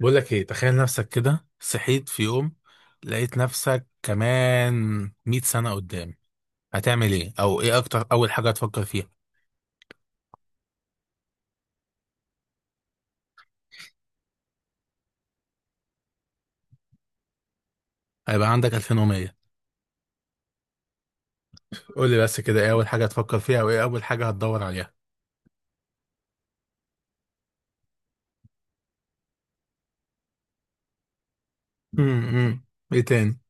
بقول لك ايه، تخيل نفسك كده صحيت في يوم، لقيت نفسك كمان 100 سنة قدام. هتعمل ايه، او ايه اكتر اول حاجة هتفكر فيها؟ هيبقى عندك 2100. قول لي بس كده ايه اول حاجة هتفكر فيها، او ايه اول حاجة هتدور عليها؟ امم. ايه تاني؟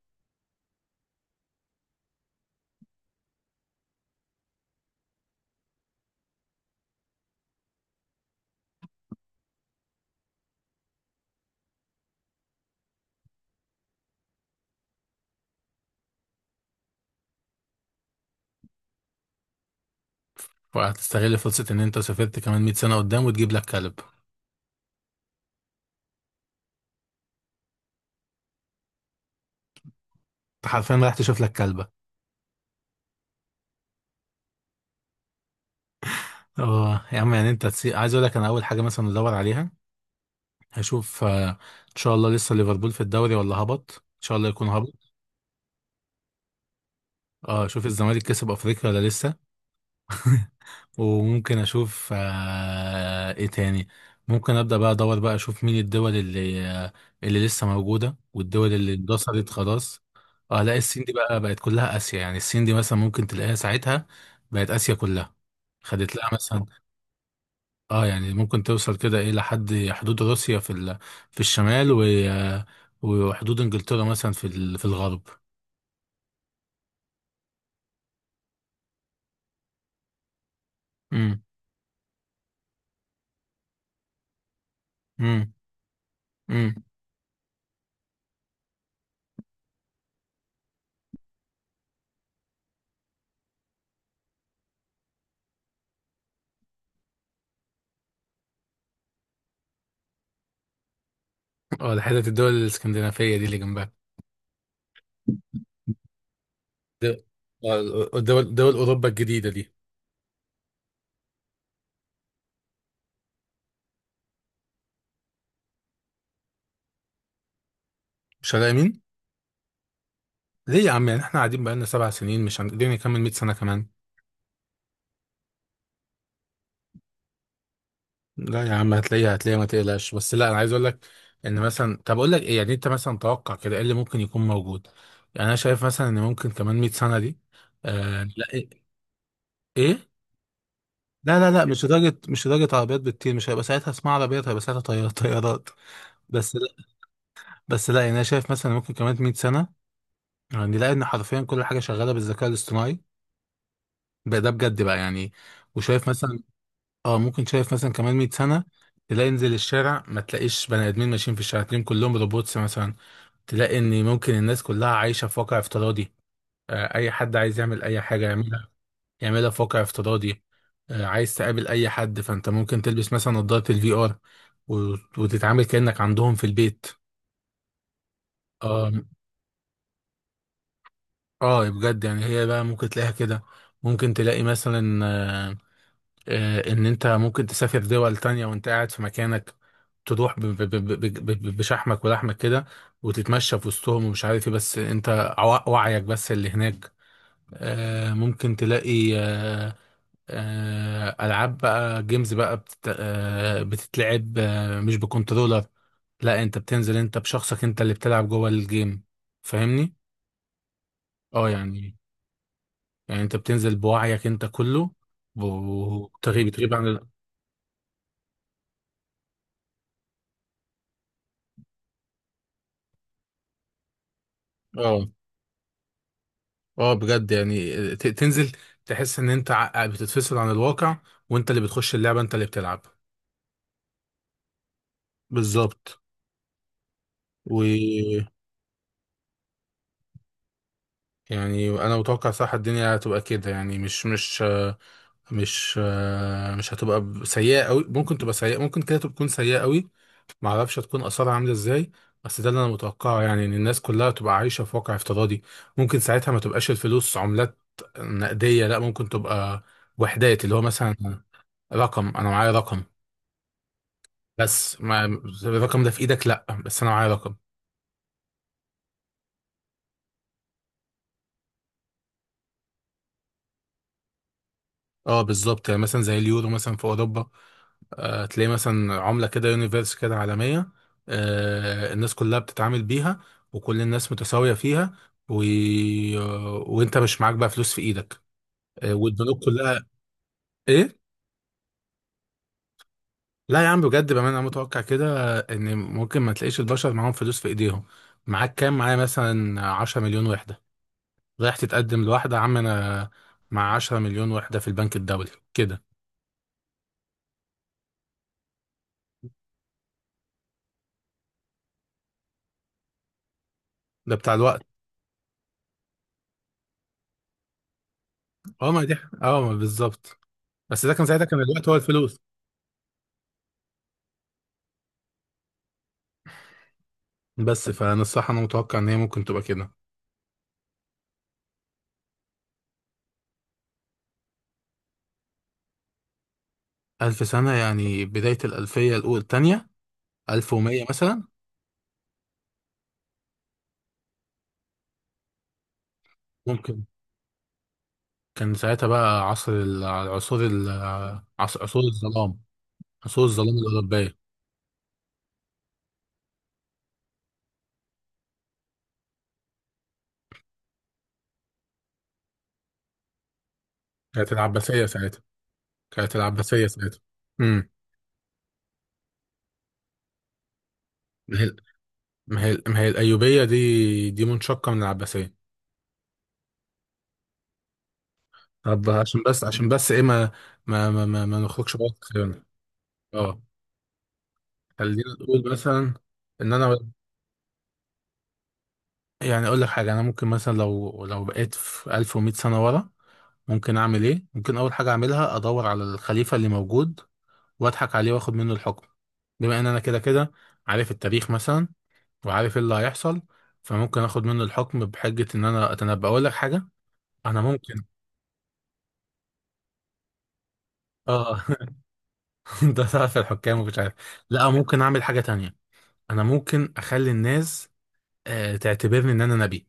وهتستغل فرصة ان انت سافرت كمان 100 سنة قدام وتجيب لك كلب؟ انت حرفيا رايح تشوف لك كلبة؟ اه يا عم، يعني انت عايز اقول لك، انا اول حاجة مثلا ادور عليها، هشوف ان شاء الله لسه ليفربول في الدوري ولا هبط، ان شاء الله يكون هبط. اه، اشوف الزمالك كسب افريقيا ولا لسه. وممكن اشوف ايه تاني. ممكن ابدا بقى ادور بقى اشوف مين الدول اللي لسه موجوده، والدول اللي اندثرت خلاص. اه لا، الصين دي بقى بقت كلها اسيا، يعني الصين دي مثلا ممكن تلاقيها ساعتها بقت اسيا كلها، خدت لها مثلا. اه يعني ممكن توصل كده ايه لحد حدود روسيا في الشمال، و... آه، وحدود انجلترا مثلا في الغرب. امم. امم. امم. اه، ده حتة الدول الاسكندنافية دي اللي جنبها. دول آه، دول دول أوروبا الجديدة دي. مش هنلاقي. ليه يا عم؟ يعني احنا قاعدين بقالنا سبع سنين، مش هنقدر نكمل 100 سنة كمان. لا يا عم، هتلاقيها، هتلاقيها، ما تقلقش. بس لا، أنا عايز أقول لك إن مثلا، طب أقول لك إيه، يعني أنت مثلا توقع كده إيه اللي ممكن يكون موجود. يعني أنا شايف مثلا إن ممكن كمان 100 سنة دي، لا إيه. إيه؟ لا لا لا، مش لدرجة عربيات بتطير. مش هيبقى ساعتها اسمها عربيات، هيبقى ساعتها طيارات. بس لا. بس لا، يعني أنا شايف مثلا ممكن كمان 100 سنة يعني نلاقي ان حرفيا كل حاجه شغاله بالذكاء الاصطناعي. بقى ده بجد بقى يعني. وشايف مثلا، اه ممكن شايف مثلا كمان 100 سنه تلاقي، انزل الشارع ما تلاقيش بني ادمين ماشيين في الشارع، تلاقيهم كلهم روبوتس مثلا. تلاقي ان ممكن الناس كلها عايشه في واقع افتراضي. اي حد عايز يعمل اي حاجه يعملها في واقع افتراضي. عايز تقابل اي حد، فانت ممكن تلبس مثلا نظاره الفي ار وتتعامل كانك عندهم في البيت. اه. اه بجد، يعني هي بقى ممكن تلاقيها كده. ممكن تلاقي مثلا، ان انت ممكن تسافر دول تانية وانت قاعد في مكانك. تروح بشحمك ولحمك كده، وتتمشى في وسطهم ومش عارف ايه. بس انت وعيك بس اللي هناك. ممكن تلاقي العاب بقى، جيمز بقى، بتتلعب، مش بكنترولر. لا، انت بتنزل انت بشخصك، انت اللي بتلعب جوه الجيم. فاهمني؟ اه يعني، يعني انت بتنزل بوعيك انت كله وتغيب عن اه، اه بجد يعني تنزل، تحس ان انت بتتفصل عن الواقع، وانت اللي بتخش اللعبة، انت اللي بتلعب. بالظبط. ويعني، انا متوقع صح الدنيا هتبقى كده، يعني مش هتبقى سيئة قوي. ممكن تبقى سيئة، ممكن كده تكون سيئة قوي، ما اعرفش هتكون اثارها عاملة ازاي. بس ده اللي انا متوقعه يعني، ان الناس كلها تبقى عايشة في واقع افتراضي. ممكن ساعتها ما تبقاش الفلوس عملات نقدية، لا ممكن تبقى وحدات، اللي هو مثلا رقم. انا معايا رقم. بس ما الرقم ده في ايدك، لا بس انا معايا رقم. اه بالظبط، يعني مثلا زي اليورو مثلا في اوروبا. تلاقي مثلا عمله كده يونيفرس كده عالميه، الناس كلها بتتعامل بيها، وكل الناس متساويه فيها، و... وانت مش معاك بقى فلوس في ايدك. والبنوك كلها. ايه؟ لا يا عم بجد بقى، انا متوقع كده ان ممكن ما تلاقيش البشر معاهم فلوس في ايديهم. معاك كام؟ معايا مثلا 10 مليون وحده. رايح تتقدم لواحده، يا عم انا مع 10 مليون وحده في البنك الدولي كده. ده بتاع الوقت. اه ما دي. اه ما بالظبط. بس ده كان ساعتها كان الوقت هو الفلوس. بس فانا الصراحه انا متوقع ان هي ممكن تبقى كده. ألف سنه، يعني بدايه الألفية الأولى التانية، 1100 مثلا. ممكن. كان ساعتها بقى عصر ال- عصور ال- عص- عصور الظلام، عصور الظلام الأوروبية. كانت العباسية ساعتها، كانت العباسية ساعتها. امم. ما هي ما هي الأيوبية دي منشقة من العباسية. طب عشان بس ايه، ما ما نخرجش بره خيرنا. اه. خلينا نقول مثلا ان انا، يعني اقول لك حاجه، انا ممكن مثلا لو بقيت في 1100 سنه ورا، ممكن اعمل ايه؟ ممكن اول حاجه اعملها ادور على الخليفه اللي موجود، واضحك عليه واخد منه الحكم. بما ان انا كده كده عارف التاريخ مثلا، وعارف ايه اللي هيحصل، فممكن اخد منه الحكم بحجه ان انا اتنبأ. اقول لك حاجه، انا ممكن، اه. ده تعرف الحكام ومش عارف. لا، ممكن اعمل حاجه تانية. انا ممكن اخلي الناس تعتبرني ان انا نبي.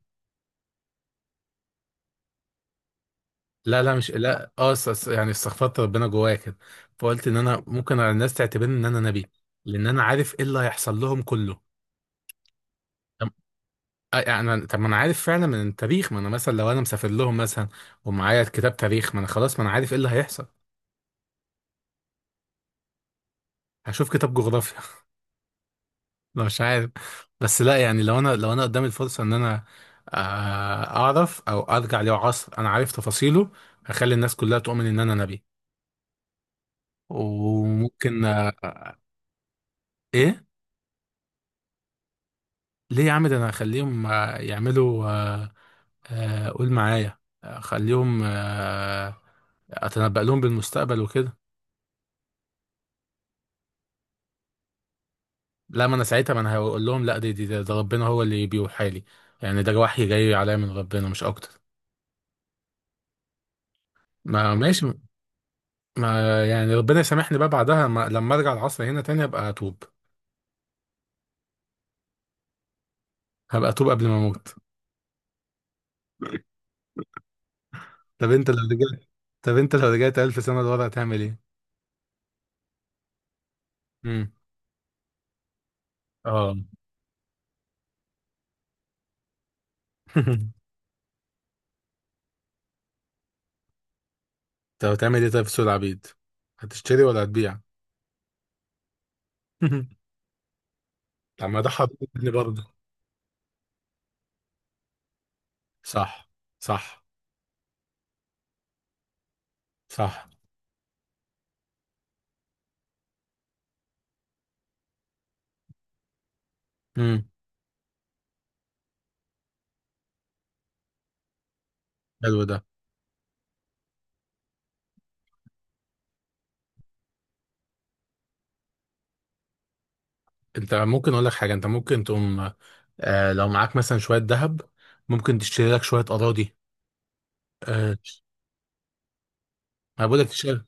لا لا، مش لا، يعني استغفرت ربنا جوايا كده، فقلت ان انا ممكن على الناس تعتبرني ان انا نبي، لان انا عارف ايه اللي هيحصل لهم كله. طب، يعني طب ما انا عارف فعلا من التاريخ، ما انا مثلا لو انا مسافر لهم مثلا ومعايا كتاب تاريخ، ما انا خلاص، ما انا عارف ايه اللي هيحصل. هشوف كتاب جغرافيا لا مش عارف. بس لا، يعني لو انا قدامي الفرصه ان انا آه، اعرف، او ارجع له عصر انا عارف تفاصيله، هخلي الناس كلها تؤمن ان انا نبي. وممكن ايه. ليه يا عم؟ ده انا اخليهم يعملوا، قول معايا، اخليهم اتنبأ لهم بالمستقبل وكده. لا ما انا ساعتها، ما انا هقول لهم لا، ده ربنا هو اللي بيوحى لي، يعني ده وحي جاي عليا من ربنا مش اكتر. ما ماشي. ما يعني ربنا يسامحني بقى بعدها، ما لما ارجع العصر هنا تاني هبقى اتوب، هبقى اتوب قبل ما اموت. طب انت لو رجعت، طب انت لو رجعت ألف سنة لورا هتعمل ايه؟ امم. اه. طب هتعمل ايه طيب في سوق العبيد؟ هتشتري ولا هتبيع؟ طب ما ده حضرتني برضه. صح. صح. صح. امم. حلو ده. انت ممكن اقول لك حاجه، انت ممكن تقوم، لو معاك مثلا شويه ذهب، ممكن تشتري لك شويه اراضي. آه ما بقول لك تشتري،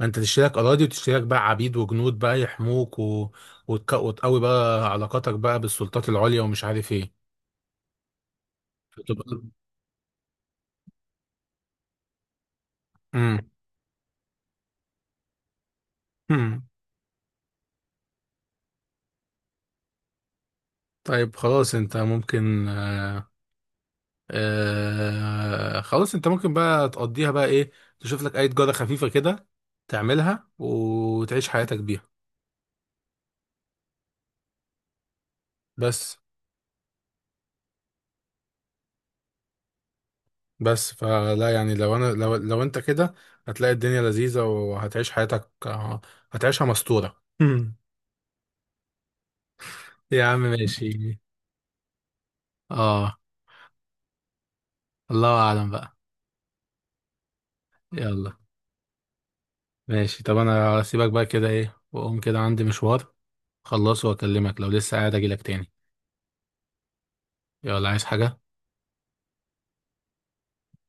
ما انت تشتري لك اراضي، وتشتري لك بقى عبيد وجنود بقى يحموك، و... وتقوي بقى علاقاتك بقى بالسلطات العليا ومش عارف ايه، فتبقى. امم. امم. طيب خلاص، انت ممكن خلاص انت ممكن بقى تقضيها بقى ايه، تشوف لك اي جارة خفيفة كده، تعملها وتعيش حياتك بيها. بس بس فلا يعني، لو انا لو لو انت كده هتلاقي الدنيا لذيذة، وهتعيش حياتك هتعيشها مستورة. يا عم ماشي. اه. الله اعلم بقى. يلا. ماشي، طب انا هسيبك بقى كده ايه، واقوم كده عندي مشوار، خلصه واكلمك لو لسه قاعد اجيلك تاني. يلا، عايز حاجة؟